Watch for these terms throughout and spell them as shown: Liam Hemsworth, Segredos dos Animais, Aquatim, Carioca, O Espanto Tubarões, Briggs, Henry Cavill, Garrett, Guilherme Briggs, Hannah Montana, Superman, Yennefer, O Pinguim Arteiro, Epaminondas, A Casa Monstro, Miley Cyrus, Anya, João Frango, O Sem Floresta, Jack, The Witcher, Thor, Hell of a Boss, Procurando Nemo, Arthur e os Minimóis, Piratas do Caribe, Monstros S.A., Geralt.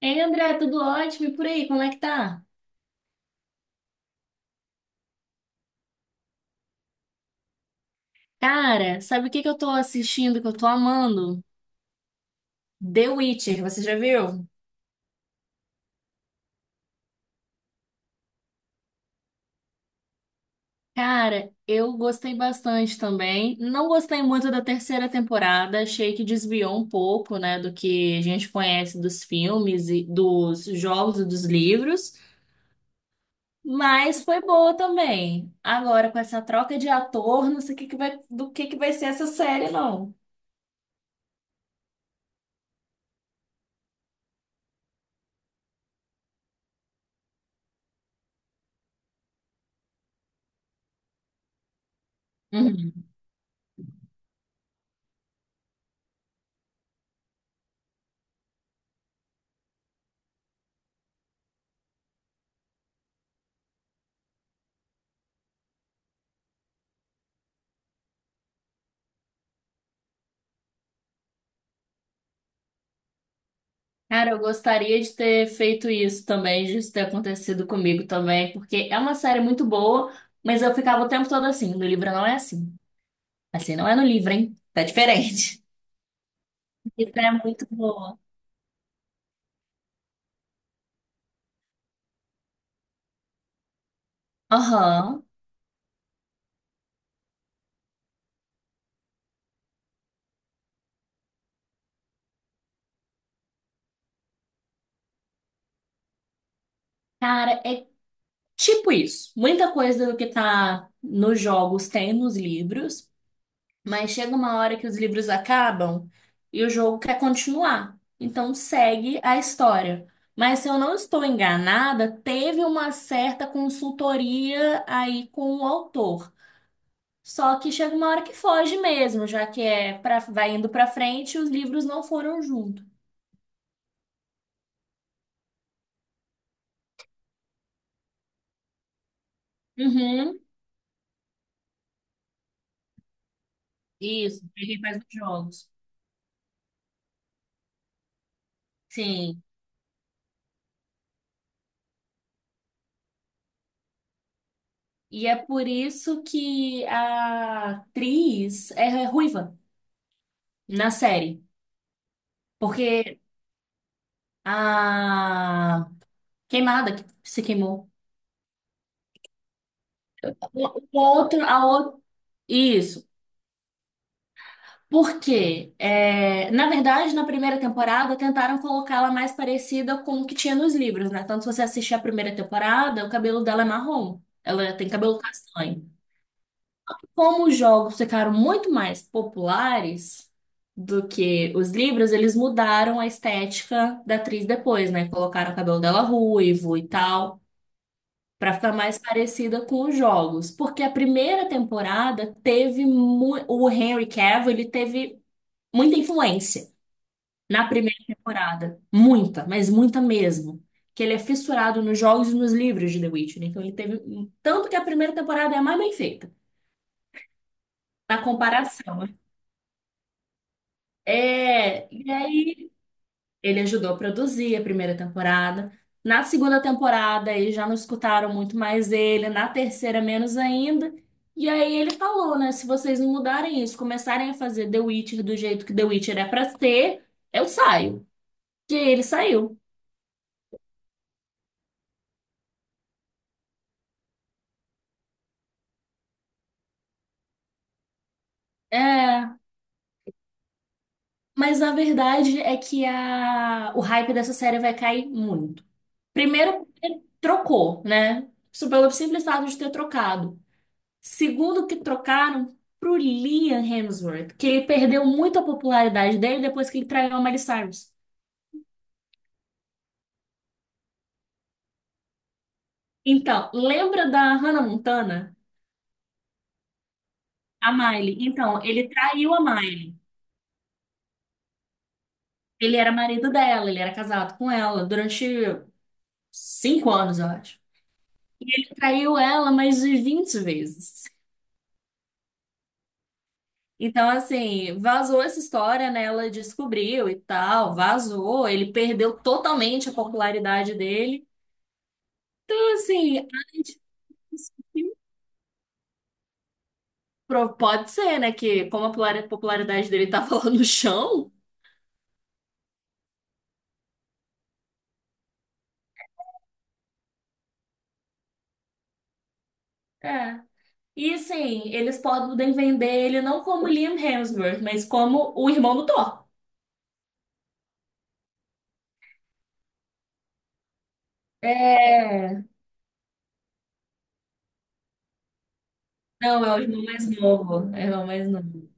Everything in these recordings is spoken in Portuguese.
Ei, André, tudo ótimo? E por aí, como é que tá? Cara, sabe o que eu tô assistindo que eu tô amando? The Witcher, você já viu? Cara, eu gostei bastante também. Não gostei muito da terceira temporada, achei que desviou um pouco, né, do que a gente conhece dos filmes e dos jogos e dos livros, mas foi boa também. Agora, com essa troca de ator, não sei o que que vai, do que vai ser essa série, não. Cara, eu gostaria de ter feito isso também, de isso ter acontecido comigo também, porque é uma série muito boa, mas eu ficava o tempo todo assim, no livro não é assim. Assim não é no livro, hein? Tá diferente. Isso é muito boa. Aham. Cara, é tipo isso. Muita coisa do que tá nos jogos tem nos livros. Mas chega uma hora que os livros acabam e o jogo quer continuar. Então segue a história. Mas se eu não estou enganada, teve uma certa consultoria aí com o autor. Só que chega uma hora que foge mesmo, já que é para vai indo para frente e os livros não foram junto. Uhum. Isso, peguei mais os jogos. Sim. E é por isso que a atriz é ruiva na série, porque a Queimada que se queimou. O outro, a outro. Isso. porque É, na verdade, na primeira temporada, tentaram colocá-la mais parecida com o que tinha nos livros, né? Tanto se você assistir a primeira temporada, o cabelo dela é marrom. Ela tem cabelo castanho. Como os jogos ficaram muito mais populares do que os livros, eles mudaram a estética da atriz depois, né? Colocaram o cabelo dela ruivo e tal. Pra ficar mais parecida com os jogos, porque a primeira temporada teve o Henry Cavill, ele teve muita influência na primeira temporada, muita, mas muita mesmo, que ele é fissurado nos jogos e nos livros de The Witcher, então ele teve um, tanto que a primeira temporada é a mais bem feita, na comparação, né? É, e aí Ele ajudou a produzir a primeira temporada. Na segunda temporada, eles já não escutaram muito mais ele. Na terceira, menos ainda. E aí ele falou, né? Se vocês não mudarem isso, começarem a fazer The Witcher do jeito que The Witcher é pra ser, eu saio. E aí ele saiu. É, mas a verdade é que o hype dessa série vai cair muito. Primeiro, ele trocou, né? Isso pelo simples fato de ter trocado. Segundo que trocaram pro Liam Hemsworth, que ele perdeu muito a popularidade dele depois que ele traiu a Miley Cyrus. Então, lembra da Hannah Montana? A Miley. Então, ele traiu a Miley. Ele era marido dela, ele era casado com ela durante 5 anos, eu acho. E ele traiu ela mais de 20 vezes. Então, assim, vazou essa história, né? Ela descobriu e tal, vazou. Ele perdeu totalmente a popularidade dele. Então, assim, pode ser, né? Que como a popularidade dele tava lá no chão. É. E assim, eles podem vender ele não como Liam Hemsworth, mas como o irmão do Thor. É. Não, é o irmão mais novo. É o irmão mais novo.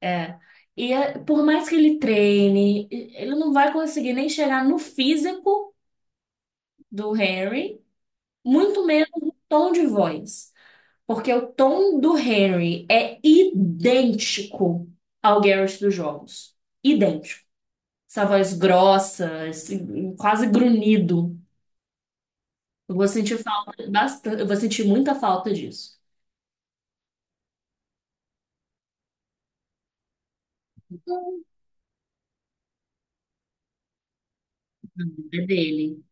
É. Por mais que ele treine, ele não vai conseguir nem chegar no físico do Harry, muito menos no tom de voz. Porque o tom do Henry é idêntico ao Garrett dos jogos. Idêntico. Essa voz grossa, quase grunhido. Eu vou sentir falta bastante, eu vou sentir muita falta disso. É dele.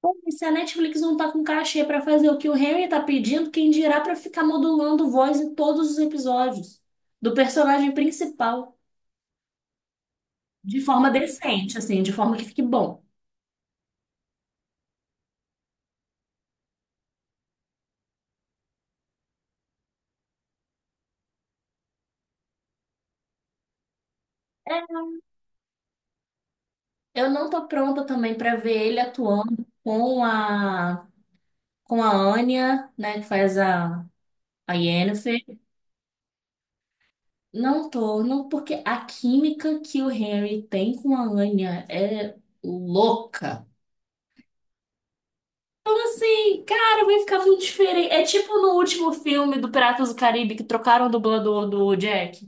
Pô, e se a Netflix não tá com cachê pra fazer o que o Henry tá pedindo, quem dirá pra ficar modulando voz em todos os episódios do personagem principal de forma decente, assim, de forma que fique bom. Eu não tô pronta também pra ver ele atuando com a Anya, né, que faz a Yennefer. Não tô, não porque a química que o Henry tem com a Anya é louca. E, cara, vai ficar muito diferente. É tipo no último filme do Piratas do Caribe que trocaram o dublador do Jack.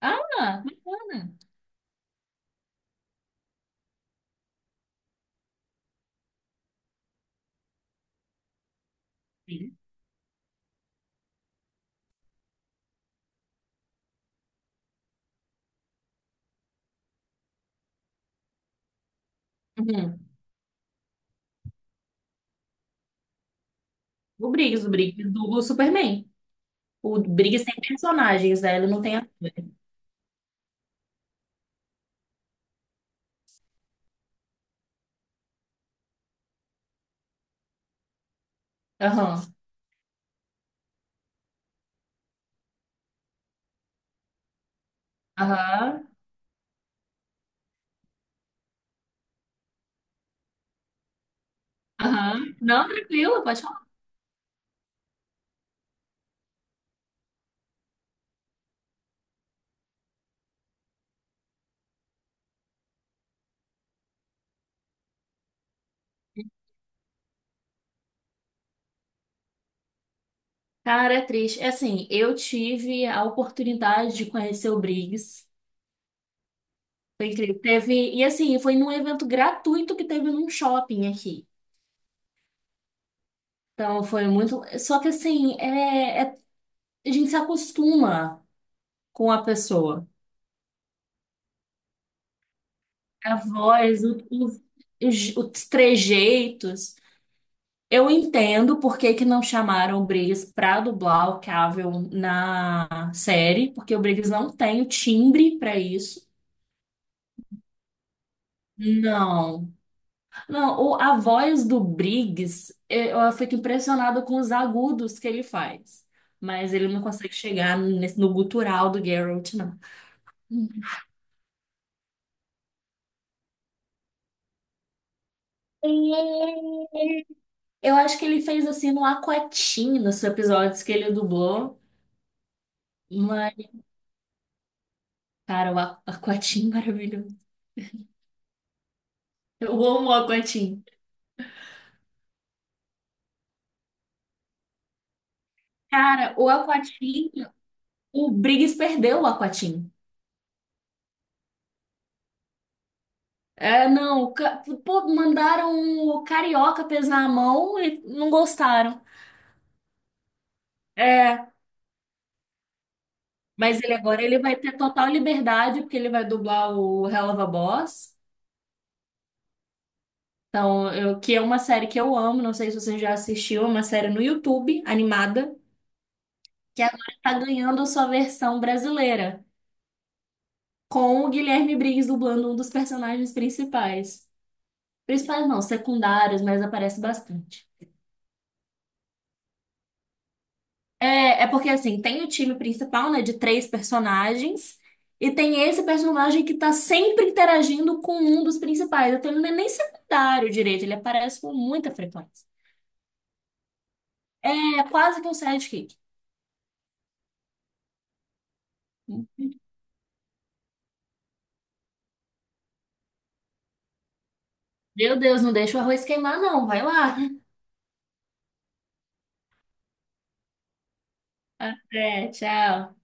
Ah, uhum. O Briggs dubla o Superman. O Briggs tem personagens, né? Ele não tem ator. Aham. Aham. Aham. Não, tranquilo, pode falar. Cara, é triste. É assim, eu tive a oportunidade de conhecer o Briggs. Foi incrível. Teve, e assim, foi num evento gratuito que teve num shopping aqui. Então foi muito. Só que assim, a gente se acostuma com a pessoa. A voz, os trejeitos. Eu entendo por que que não chamaram o Briggs pra dublar o Cavill na série, porque o Briggs não tem o timbre pra isso. Não, não, a voz do Briggs, eu fico impressionada com os agudos que ele faz. Mas ele não consegue chegar no gutural do Geralt, não. Hum. Eu acho que ele fez assim no Aquatim, nos episódios que ele dublou. Mas, cara, Aquatim maravilhoso. Eu amo o Aquatim. Cara, o Aquatim, o Briggs perdeu o Aquatim. É, não, pô, mandaram o Carioca pesar a mão e não gostaram. É, mas ele vai ter total liberdade, porque ele vai dublar o Hell of a Boss. Então, que é uma série que eu amo, não sei se você já assistiu, é uma série no YouTube, animada, que agora tá ganhando a sua versão brasileira, com o Guilherme Briggs dublando um dos personagens principais. Principais não, secundários, mas aparece bastante. É, é porque assim, tem o time principal, né, de três personagens, e tem esse personagem que tá sempre interagindo com um dos principais. Então ele não é nem secundário direito, ele aparece com muita frequência. É quase que um sidekick. Meu Deus, não deixa o arroz queimar, não. Vai lá. Até, tchau.